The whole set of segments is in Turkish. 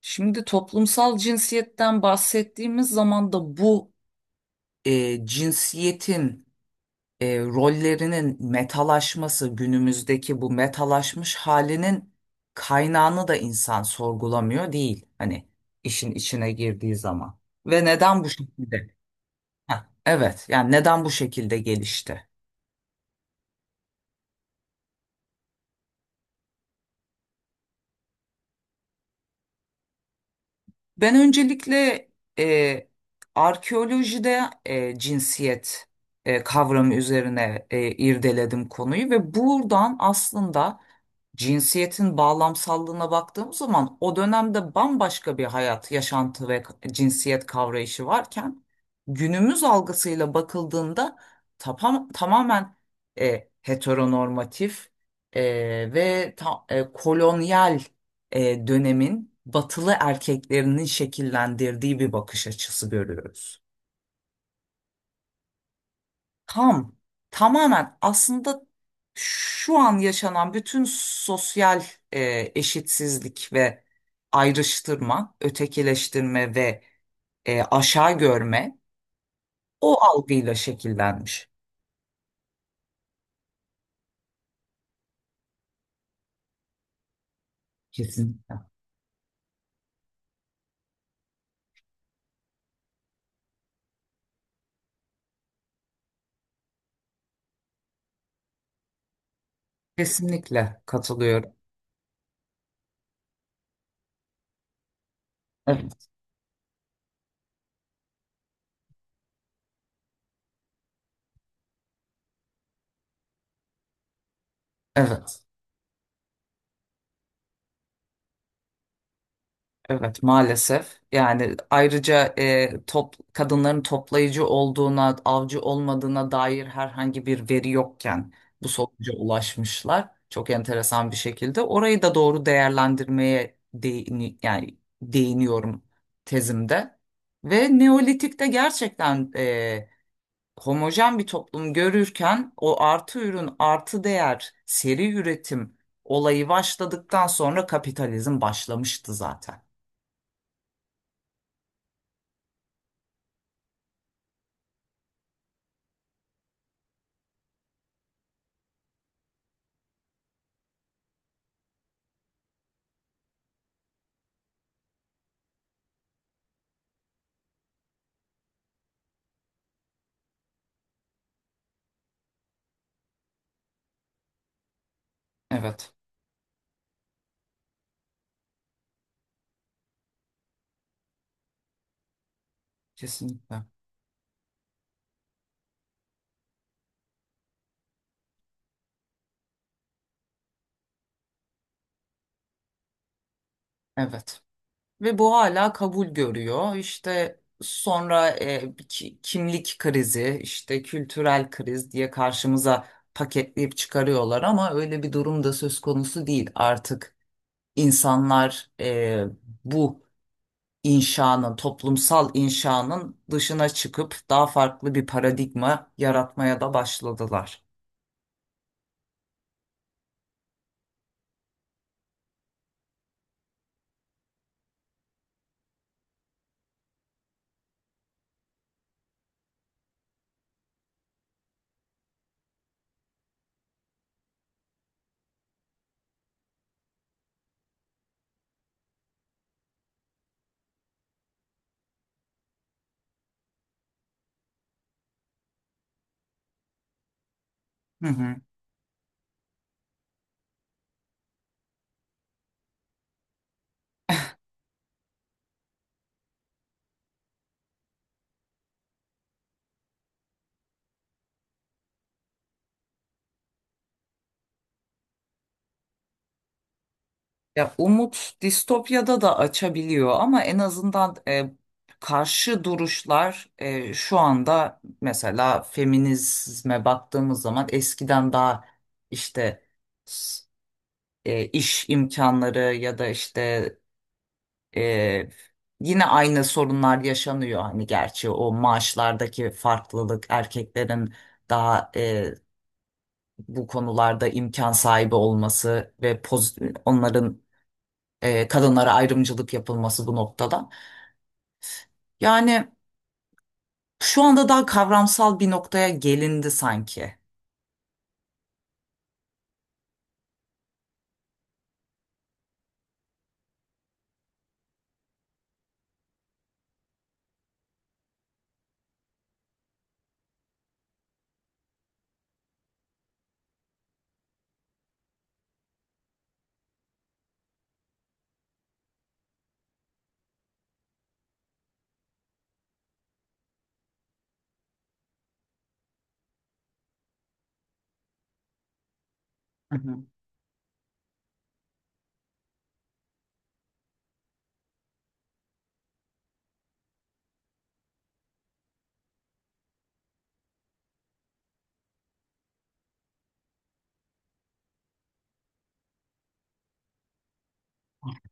Şimdi toplumsal cinsiyetten bahsettiğimiz zaman da bu cinsiyetin rollerinin metalaşması, günümüzdeki bu metalaşmış halinin kaynağını da insan sorgulamıyor değil. Hani işin içine girdiği zaman. Ve neden bu şekilde? Heh, evet, yani neden bu şekilde gelişti? Ben öncelikle e, arkeolojide cinsiyet kavramı üzerine irdeledim konuyu ve buradan aslında cinsiyetin bağlamsallığına baktığımız zaman o dönemde bambaşka bir hayat, yaşantı ve cinsiyet kavrayışı varken günümüz algısıyla bakıldığında tamamen heteronormatif e, ve kolonyal dönemin batılı erkeklerinin şekillendirdiği bir bakış açısı görüyoruz. Tam, tamamen aslında şu an yaşanan bütün sosyal eşitsizlik ve ayrıştırma, ötekileştirme ve aşağı görme o algıyla şekillenmiş. Kesinlikle. Kesinlikle katılıyorum. Evet, evet. Evet maalesef yani ayrıca kadınların toplayıcı olduğuna avcı olmadığına dair herhangi bir veri yokken bu sonuca ulaşmışlar çok enteresan bir şekilde orayı da doğru değerlendirmeye yani değiniyorum tezimde ve Neolitik'te gerçekten homojen bir toplum görürken o artı ürün, artı değer, seri üretim olayı başladıktan sonra kapitalizm başlamıştı zaten. Evet, kesinlikle. Evet. Ve bu hala kabul görüyor. İşte sonra kimlik krizi, işte kültürel kriz diye karşımıza paketleyip çıkarıyorlar ama öyle bir durum da söz konusu değil. Artık insanlar bu inşanın, toplumsal inşanın dışına çıkıp daha farklı bir paradigma yaratmaya da başladılar. Hı hı. Ya umut distopyada da açabiliyor ama en azından karşı duruşlar şu anda mesela feminizme baktığımız zaman eskiden daha işte s- iş imkanları ya da işte e, yine aynı sorunlar yaşanıyor. Hani gerçi o maaşlardaki farklılık erkeklerin daha bu konularda imkan sahibi olması ve onların kadınlara ayrımcılık yapılması bu noktada. Yani şu anda daha kavramsal bir noktaya gelindi sanki. Hı hı.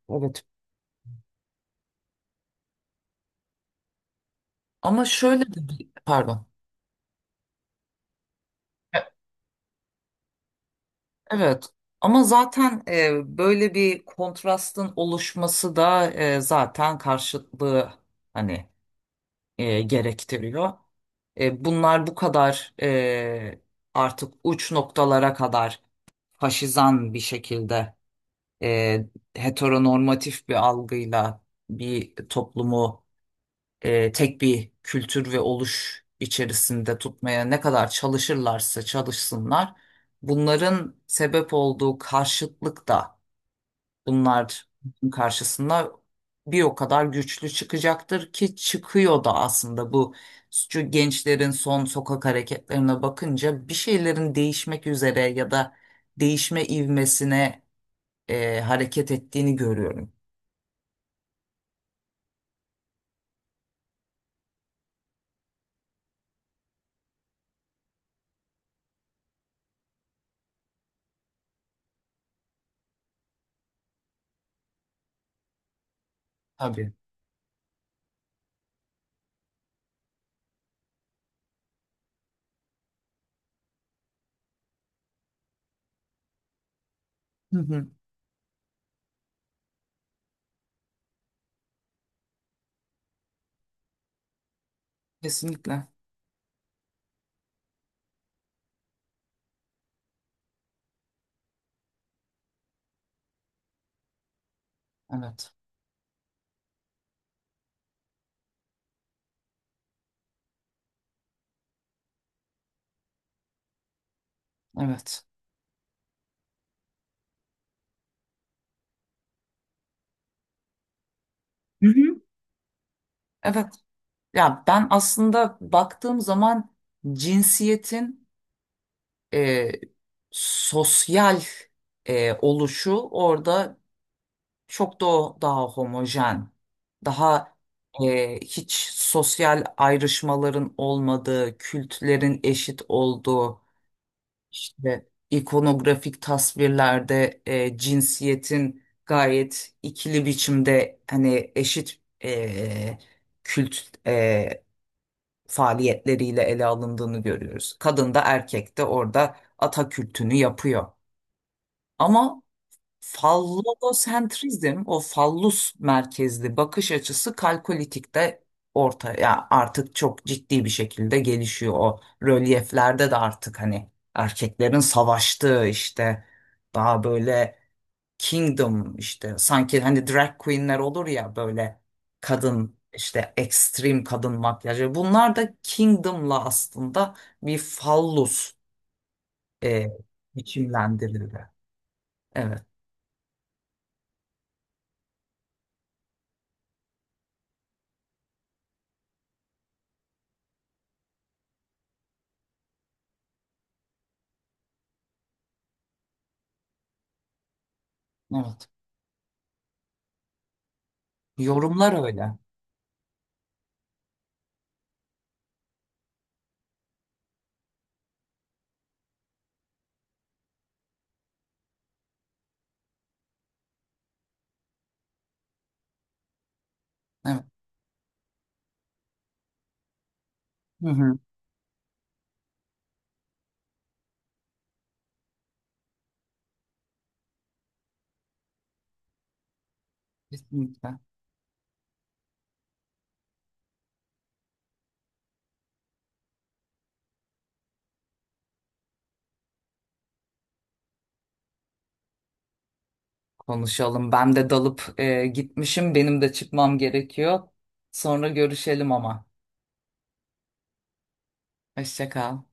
Evet. Ama şöyle de bir, pardon. Evet. Ama zaten böyle bir kontrastın oluşması da zaten karşıtlığı hani gerektiriyor. Bunlar bu kadar artık uç noktalara kadar faşizan bir şekilde e, heteronormatif bir algıyla bir toplumu tek bir kültür ve oluş içerisinde tutmaya ne kadar çalışırlarsa çalışsınlar, bunların sebep olduğu karşıtlık da bunlar karşısında bir o kadar güçlü çıkacaktır ki çıkıyor da aslında bu şu gençlerin son sokak hareketlerine bakınca bir şeylerin değişmek üzere ya da değişme ivmesine hareket ettiğini görüyorum. Tabii. Hı hı. Kesinlikle. Evet. Evet. Hı hı. Evet. Ya ben aslında baktığım zaman cinsiyetin e, sosyal oluşu orada çok da daha homojen, daha hiç sosyal ayrışmaların olmadığı, kültlerin eşit olduğu, İşte ikonografik tasvirlerde cinsiyetin gayet ikili biçimde hani eşit kült e, faaliyetleriyle ele alındığını görüyoruz. Kadın da erkek de orada ata kültünü yapıyor. Ama Fallosentrizm, o fallus merkezli bakış açısı kalkolitikte ortaya artık çok ciddi bir şekilde gelişiyor. O rölyeflerde de artık hani erkeklerin savaştığı işte daha böyle kingdom işte sanki hani drag queenler olur ya böyle kadın işte ekstrem kadın makyajı bunlar da kingdom'la aslında bir fallus e, biçimlendirildi. Evet. Evet. Yorumlar öyle. Evet. Hı hı. Kesinlikle. Konuşalım. Ben de dalıp gitmişim. Benim de çıkmam gerekiyor. Sonra görüşelim ama. Hoşça kal.